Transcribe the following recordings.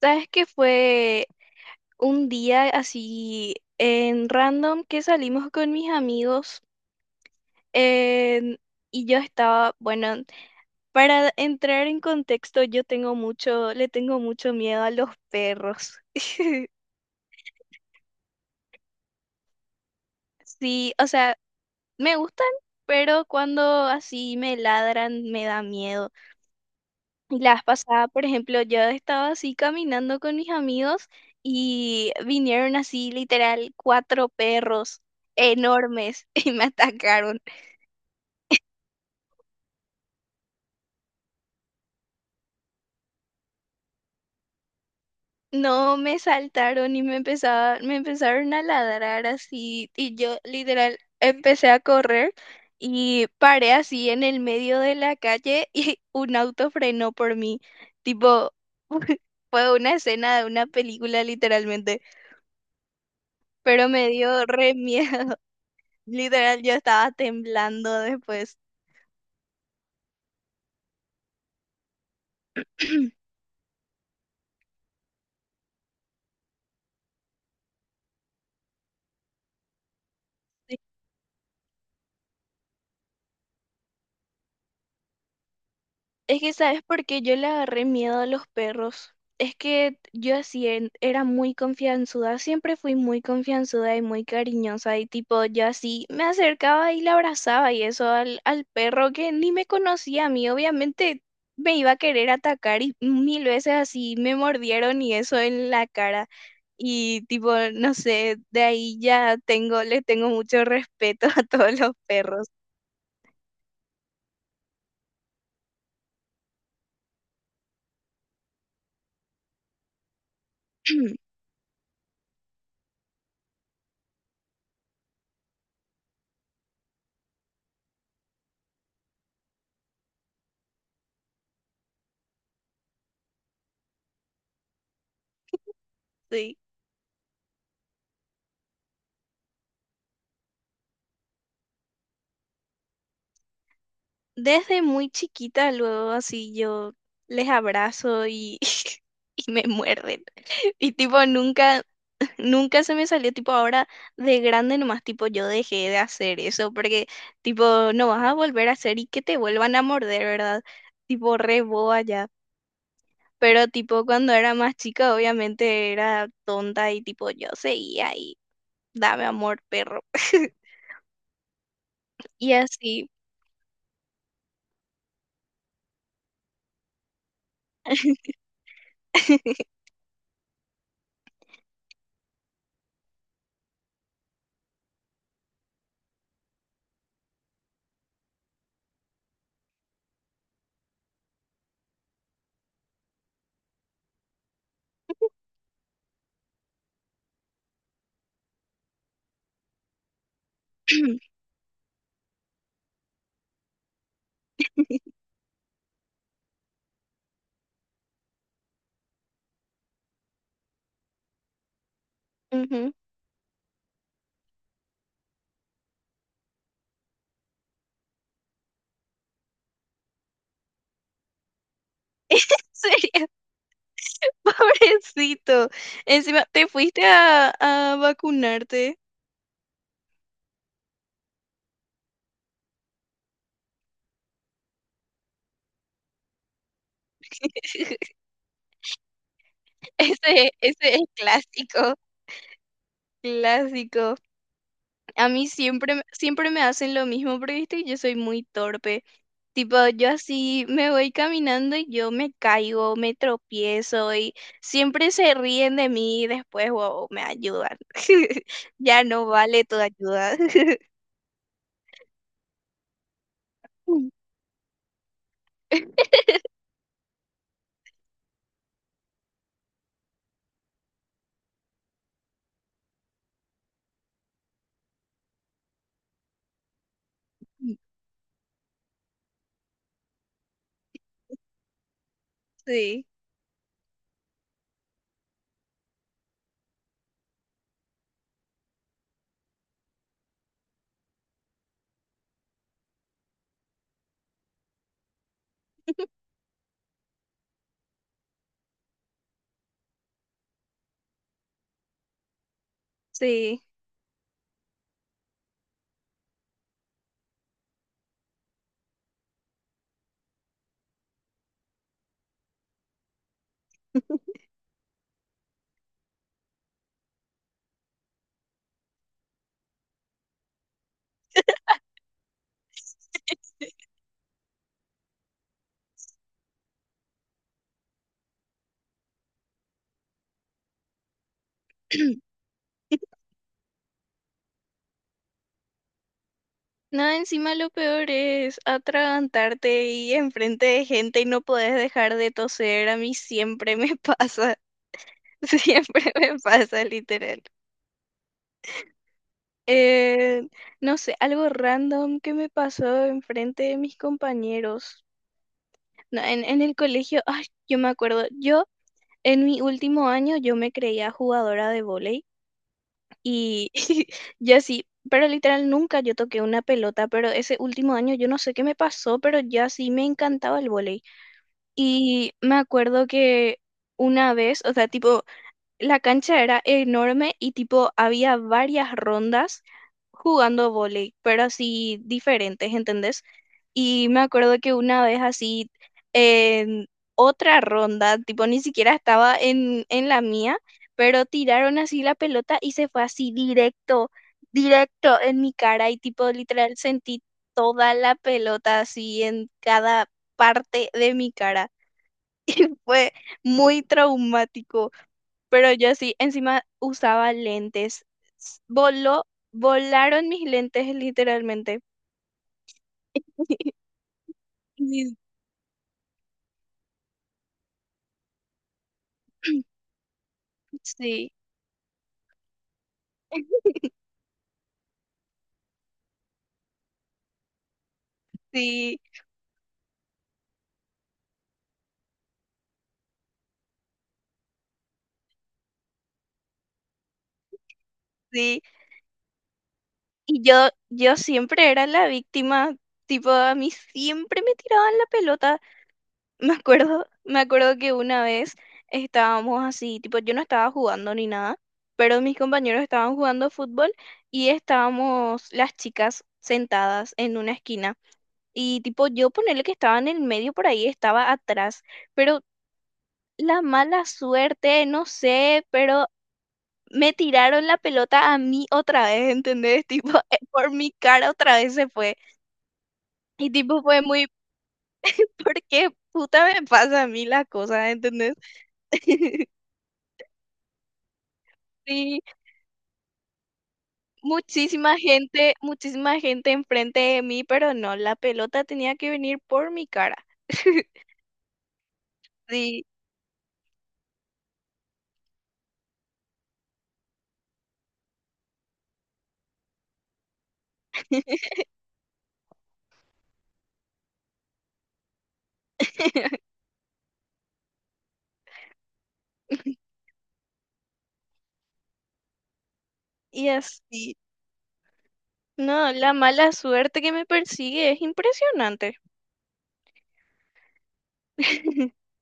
¿Sabes que fue un día así en random que salimos con mis amigos? en- y yo estaba, bueno, para entrar en contexto, yo tengo mucho, le tengo mucho miedo a los perros. Sí, o sea, me gustan, pero cuando así me ladran me da miedo. Y la vez pasada, por ejemplo, yo estaba así caminando con mis amigos y vinieron así literal cuatro perros enormes y me atacaron. No me saltaron y me empezaron a ladrar así y yo literal empecé a correr y paré así en el medio de la calle y un auto frenó por mí. Tipo, fue una escena de una película literalmente, pero me dio re miedo. Literal, yo estaba temblando después. Sí. Es que, ¿sabes por qué yo le agarré miedo a los perros? Es que yo así era muy confianzuda, siempre fui muy confianzuda y muy cariñosa y tipo, yo así me acercaba y le abrazaba y eso al perro que ni me conocía a mí, obviamente me iba a querer atacar y mil veces así me mordieron y eso en la cara y tipo, no sé, de ahí ya tengo, le tengo mucho respeto a todos los perros. Sí. Desde muy chiquita, luego así yo les abrazo y, y me muerden. Y tipo, nunca, nunca se me salió, tipo, ahora de grande nomás, tipo, yo dejé de hacer eso, porque tipo, no vas a volver a hacer y que te vuelvan a morder, ¿verdad? Tipo, re boba ya. Pero tipo, cuando era más chica, obviamente era tonta y tipo, yo seguía y dame amor, perro. Y así. Ujú. ¿En serio? Pobrecito. Encima, ¿te fuiste a vacunarte? Ese es clásico, clásico. A mí siempre, siempre me hacen lo mismo, pero viste, yo soy muy torpe. Tipo, yo así me voy caminando y yo me caigo, me tropiezo y siempre se ríen de mí y después, wow, me ayudan. Ya no vale tu ayuda. Sí, sí. No, encima lo peor es atragantarte y enfrente de gente y no podés dejar de toser. A mí siempre me pasa, siempre me pasa, literal. Eh, no sé, algo random que me pasó enfrente de mis compañeros. No, en el colegio, ay, yo me acuerdo, yo en mi último año yo me creía jugadora de vóley y yo así, pero literal nunca yo toqué una pelota, pero ese último año yo no sé qué me pasó, pero ya sí me encantaba el vóley. Y me acuerdo que una vez, o sea, tipo, la cancha era enorme y tipo, había varias rondas jugando vóley, pero así diferentes, ¿entendés? Y me acuerdo que una vez así, en otra ronda, tipo, ni siquiera estaba en la mía, pero tiraron así la pelota y se fue así directo, directo en mi cara y tipo, literal, sentí toda la pelota así en cada parte de mi cara, fue muy traumático, pero yo sí, encima usaba lentes. S- Voló, Volaron mis lentes literalmente. Y- Sí, sí, sí. Y yo siempre era la víctima, tipo, a mí siempre me tiraban la pelota. Me acuerdo que una vez estábamos así, tipo, yo no estaba jugando ni nada, pero mis compañeros estaban jugando fútbol y estábamos las chicas sentadas en una esquina. Y tipo, yo ponerle que estaba en el medio por ahí, estaba atrás. Pero la mala suerte, no sé, pero me tiraron la pelota a mí otra vez, ¿entendés? Tipo, por mi cara otra vez se fue. Y tipo, fue muy, ¿por qué puta me pasa a mí la cosa, ¿entendés? Sí, muchísima gente enfrente de mí, pero no, la pelota tenía que venir por mi cara. Sí, y así. No, la mala suerte que me persigue es impresionante.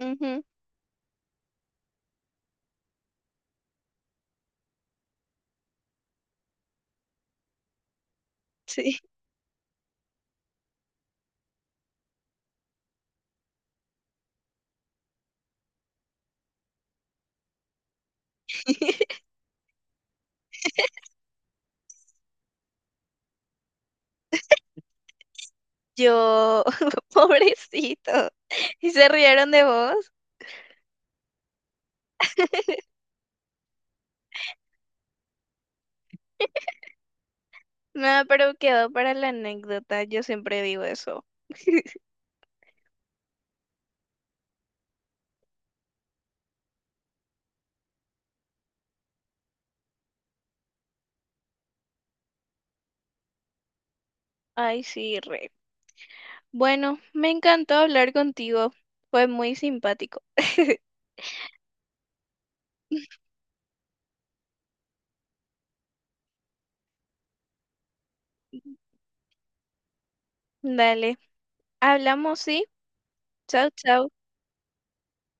Ujú, sí. Yo, pobrecito. ¿Y se rieron de vos? Nada, pero quedó para la anécdota. Yo siempre digo eso. Ay, sí, re. Bueno, me encantó hablar contigo. Fue muy simpático. Dale. Hablamos, ¿sí? Chao, chao.